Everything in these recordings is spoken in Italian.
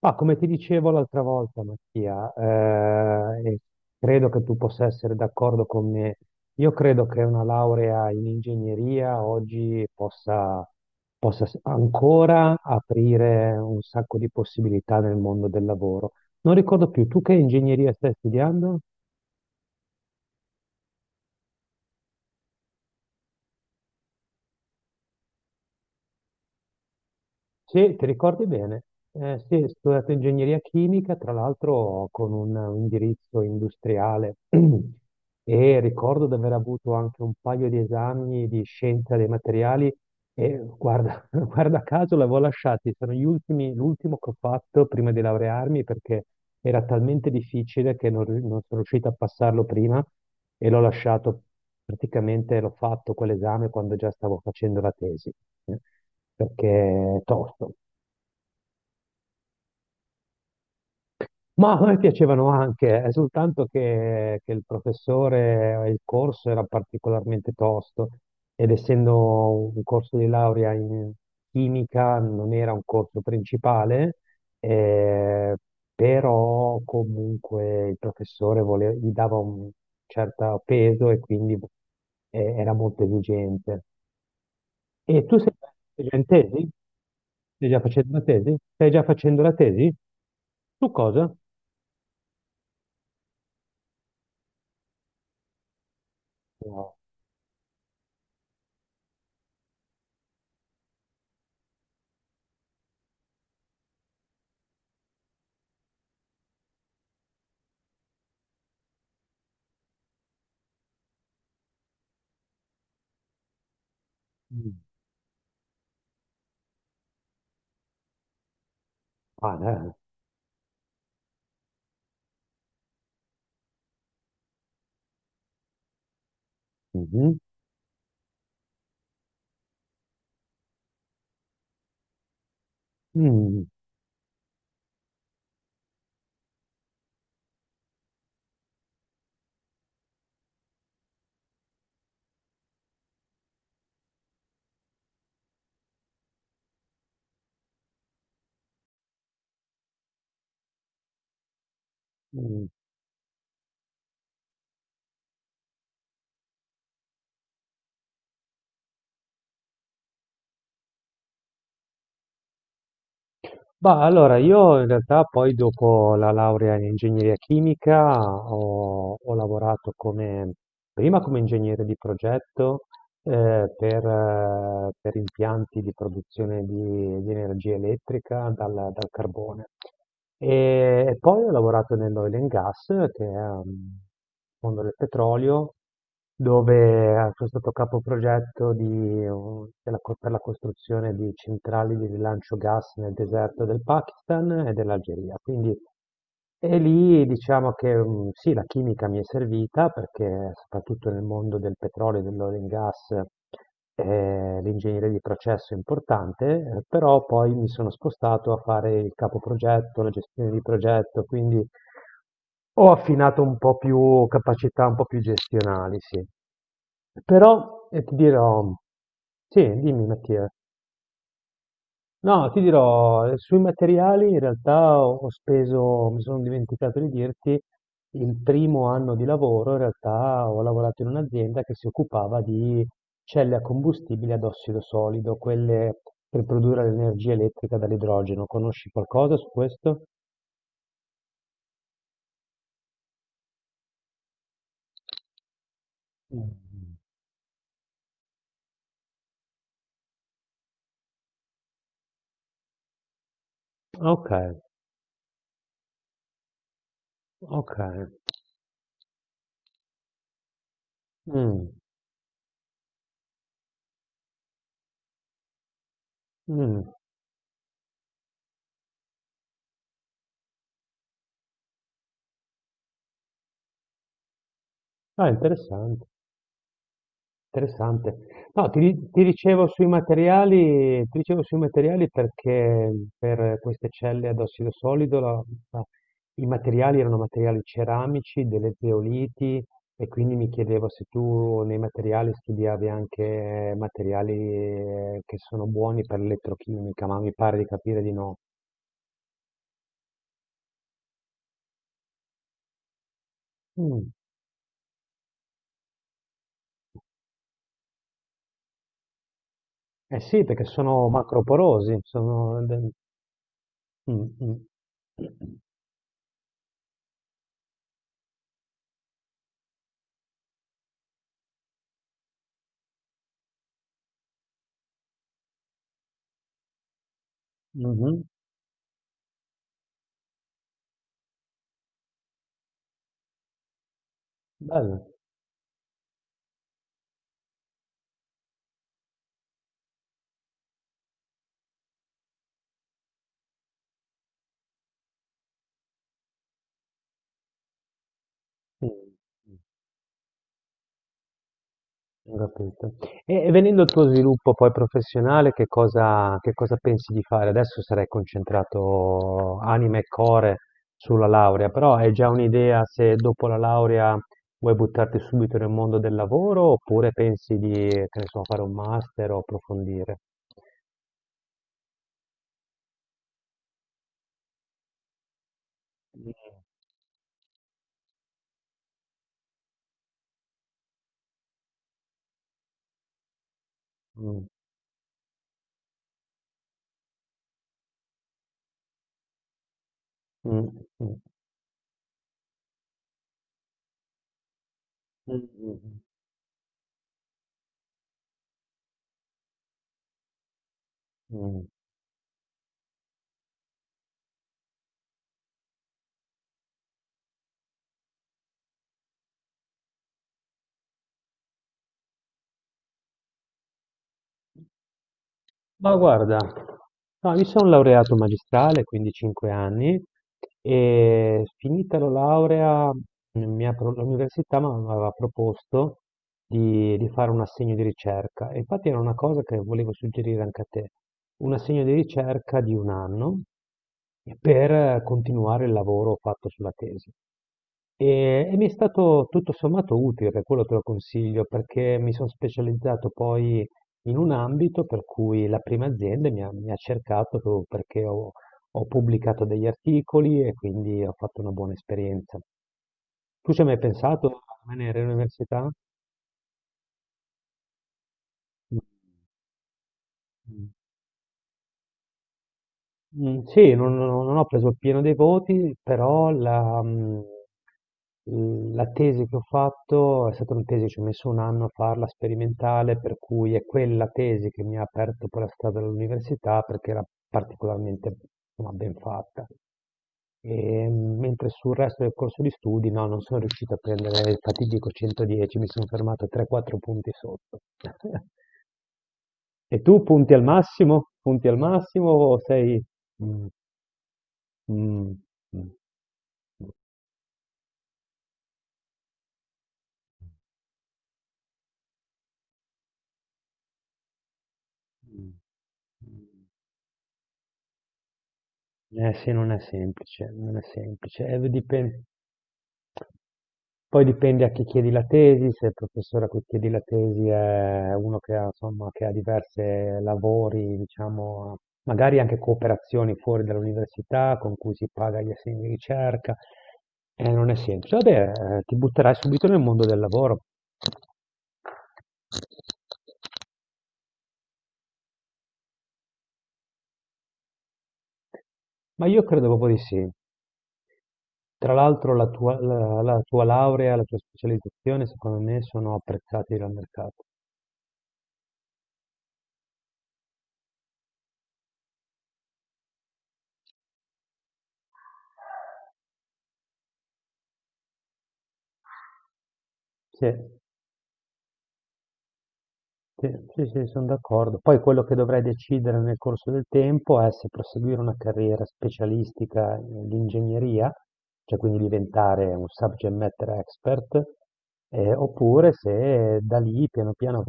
Ma come ti dicevo l'altra volta, Mattia, e credo che tu possa essere d'accordo con me. Io credo che una laurea in ingegneria oggi possa ancora aprire un sacco di possibilità nel mondo del lavoro. Non ricordo più, tu che ingegneria stai studiando? Sì, ti ricordi bene? Sì, ho studiato ingegneria chimica, tra l'altro con un indirizzo industriale e ricordo di aver avuto anche un paio di esami di scienza dei materiali e guarda, Guarda caso l'avevo lasciati, sono gli ultimi, l'ultimo che ho fatto prima di laurearmi perché era talmente difficile che non sono riuscito a passarlo prima e l'ho lasciato, praticamente l'ho fatto quell'esame quando già stavo facendo la tesi, eh, perché è tosto. Ma a me piacevano anche, è soltanto che il professore, il corso era particolarmente tosto ed essendo un corso di laurea in chimica non era un corso principale, eh, però comunque il professore gli dava un certo peso e quindi era molto esigente. E tu sei già in tesi? Stai già facendo la tesi? Stai già facendo la tesi? Su cosa? No. Mm. Ah, dai. Mhm. Mm. Mm. Bah, allora, io in realtà poi dopo la laurea in ingegneria chimica ho lavorato come, prima come ingegnere di progetto per impianti di produzione di energia elettrica dal carbone. E poi ho lavorato nell'oil and gas, che è il mondo del petrolio, dove sono stato capoprogetto di, un- della co- per la costruzione di centrali di rilancio gas nel deserto del Pakistan e dell'Algeria. Quindi, e lì diciamo che sì, la chimica mi è servita perché soprattutto nel mondo del petrolio e dell'oil and gas l'ingegneria di processo è importante, però poi mi sono spostato a fare il capoprogetto, la gestione di progetto, quindi ho affinato un po' più capacità un po' più gestionali, sì. Però ti dirò, sì, dimmi Mattia. No, ti dirò, sui materiali in realtà ho speso, mi sono dimenticato di dirti, il primo anno di lavoro in realtà ho lavorato in un'azienda che si occupava di celle a combustibile ad ossido solido, quelle per produrre l'energia elettrica dall'idrogeno. Conosci qualcosa su questo? Mm. Ok, ok. Mm. Mh. Ah, interessante, interessante. No, ti dicevo sui materiali perché per queste celle ad ossido solido la la i materiali erano materiali ceramici, delle zeoliti e quindi mi chiedevo se tu nei materiali studiavi anche materiali, che sono buoni per l'elettrochimica, ma mi pare di capire di no. Mh. Eh sì, perché sono macroporosi, sono del mh, mh. Mh-mh, bello. Mh, ho capito. E venendo al tuo sviluppo poi professionale, che cosa pensi di fare? Adesso sarai concentrato anima e core sulla laurea, però hai già un'idea se dopo la laurea vuoi buttarti subito nel mondo del lavoro, oppure pensi di, che ne so, fare un master o approfondire? Mh, mh, mh, mh, mh, mh, mh. Ma guarda, no, mi sono laureato in magistrale, quindi 5 anni, e finita la laurea l'università mi aveva proposto di fare un assegno di ricerca. E infatti era una cosa che volevo suggerire anche a te, un assegno di ricerca di un anno per continuare il lavoro fatto sulla tesi. E mi è stato tutto sommato utile, per quello te lo consiglio, perché mi sono specializzato poi in un ambito per cui la prima azienda mi ha cercato proprio perché ho pubblicato degli articoli e quindi ho fatto una buona esperienza. Tu ci hai mai pensato a rimanere all'università? Mm, sì, non ho preso il pieno dei voti, però la tesi che ho fatto è stata una tesi, ci ho messo un anno a farla sperimentale, per cui è quella tesi che mi ha aperto poi la strada all'università perché era particolarmente insomma, ben fatta. E, mentre sul resto del corso di studi, no, non sono riuscito a prendere il fatidico 110, mi sono fermato a 3-4 punti sotto. E tu punti al massimo? Punti al massimo o sei. Mm, mh, mh. Mh. Mh. Mh. Eh sì, non è semplice, non è semplice. V dipen Poi dipende a chi chiedi la tesi, se il professore a cui chiedi la tesi è uno che ha insomma, che ha diverse lavori, diciamo, magari anche cooperazioni fuori dall'università con cui si paga gli assegni di ricerca. Non è semplice. Vabbè, ti butterai subito nel mondo del lavoro. Ma io credo proprio di sì. Tra l'altro la tua laurea, la tua specializzazione, secondo me, sono apprezzati dal mercato. Sì, sì, sì, sì, sono d'accordo. Poi quello che dovrai decidere nel corso del tempo è se proseguire una carriera specialistica di ingegneria, cioè quindi diventare un subject matter expert, oppure se da lì piano piano,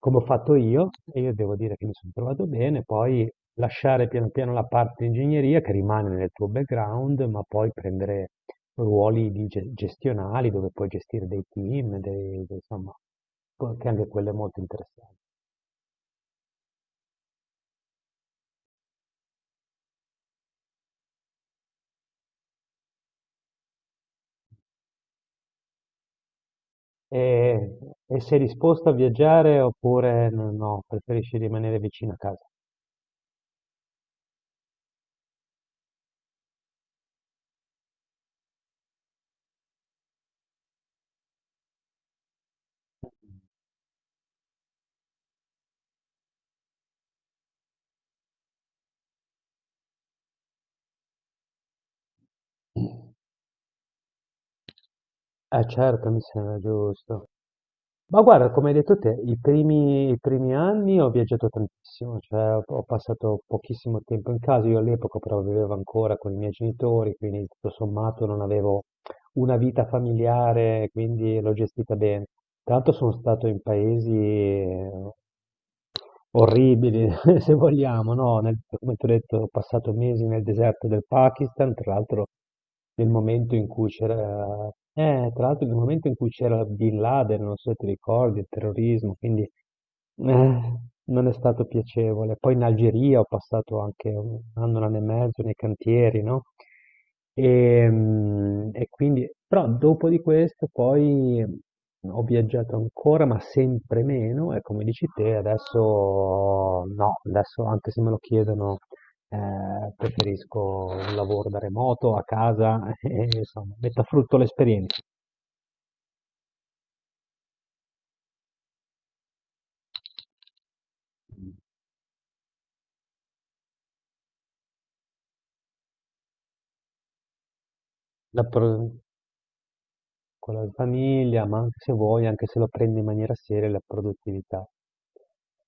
come ho fatto io, e io devo dire che mi sono trovato bene, poi lasciare piano piano la parte di ingegneria che rimane nel tuo background, ma poi prendere ruoli di gestionali dove puoi gestire dei team, insomma, che anche quello è molto interessante. E, e sei disposto a viaggiare oppure no, no, preferisci rimanere vicino a casa? Eh certo, mi sembra giusto. Ma guarda, come hai detto te, i primi anni ho viaggiato tantissimo, cioè ho passato pochissimo tempo in casa, io all'epoca però vivevo ancora con i miei genitori, quindi tutto sommato non avevo una vita familiare, quindi l'ho gestita bene. Tanto sono stato in paesi orribili, se vogliamo, no? Come ti ho detto, ho passato mesi nel deserto del Pakistan, nel momento in cui c'era, tra l'altro nel momento in cui c'era Bin Laden, non so se ti ricordi, il terrorismo, quindi non è stato piacevole. Poi in Algeria ho passato anche un anno e mezzo nei cantieri, no? E quindi, però dopo di questo poi ho viaggiato ancora, ma sempre meno, e come dici te, adesso no, adesso anche se me lo chiedono, preferisco un lavoro da remoto, a casa, e, insomma, metta a frutto l'esperienza. Con la famiglia, ma anche se vuoi, anche se lo prendi in maniera seria, la produttività.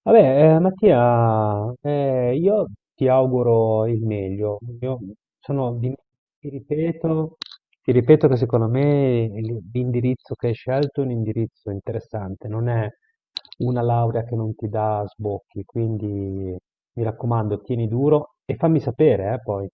Vabbè, Mattia, io ti auguro il meglio. Io sono di- ti ripeto, ti ripeto che secondo me l'indirizzo che hai scelto è un indirizzo interessante, non è una laurea che non ti dà sbocchi, quindi mi raccomando, tieni duro e fammi sapere, poi.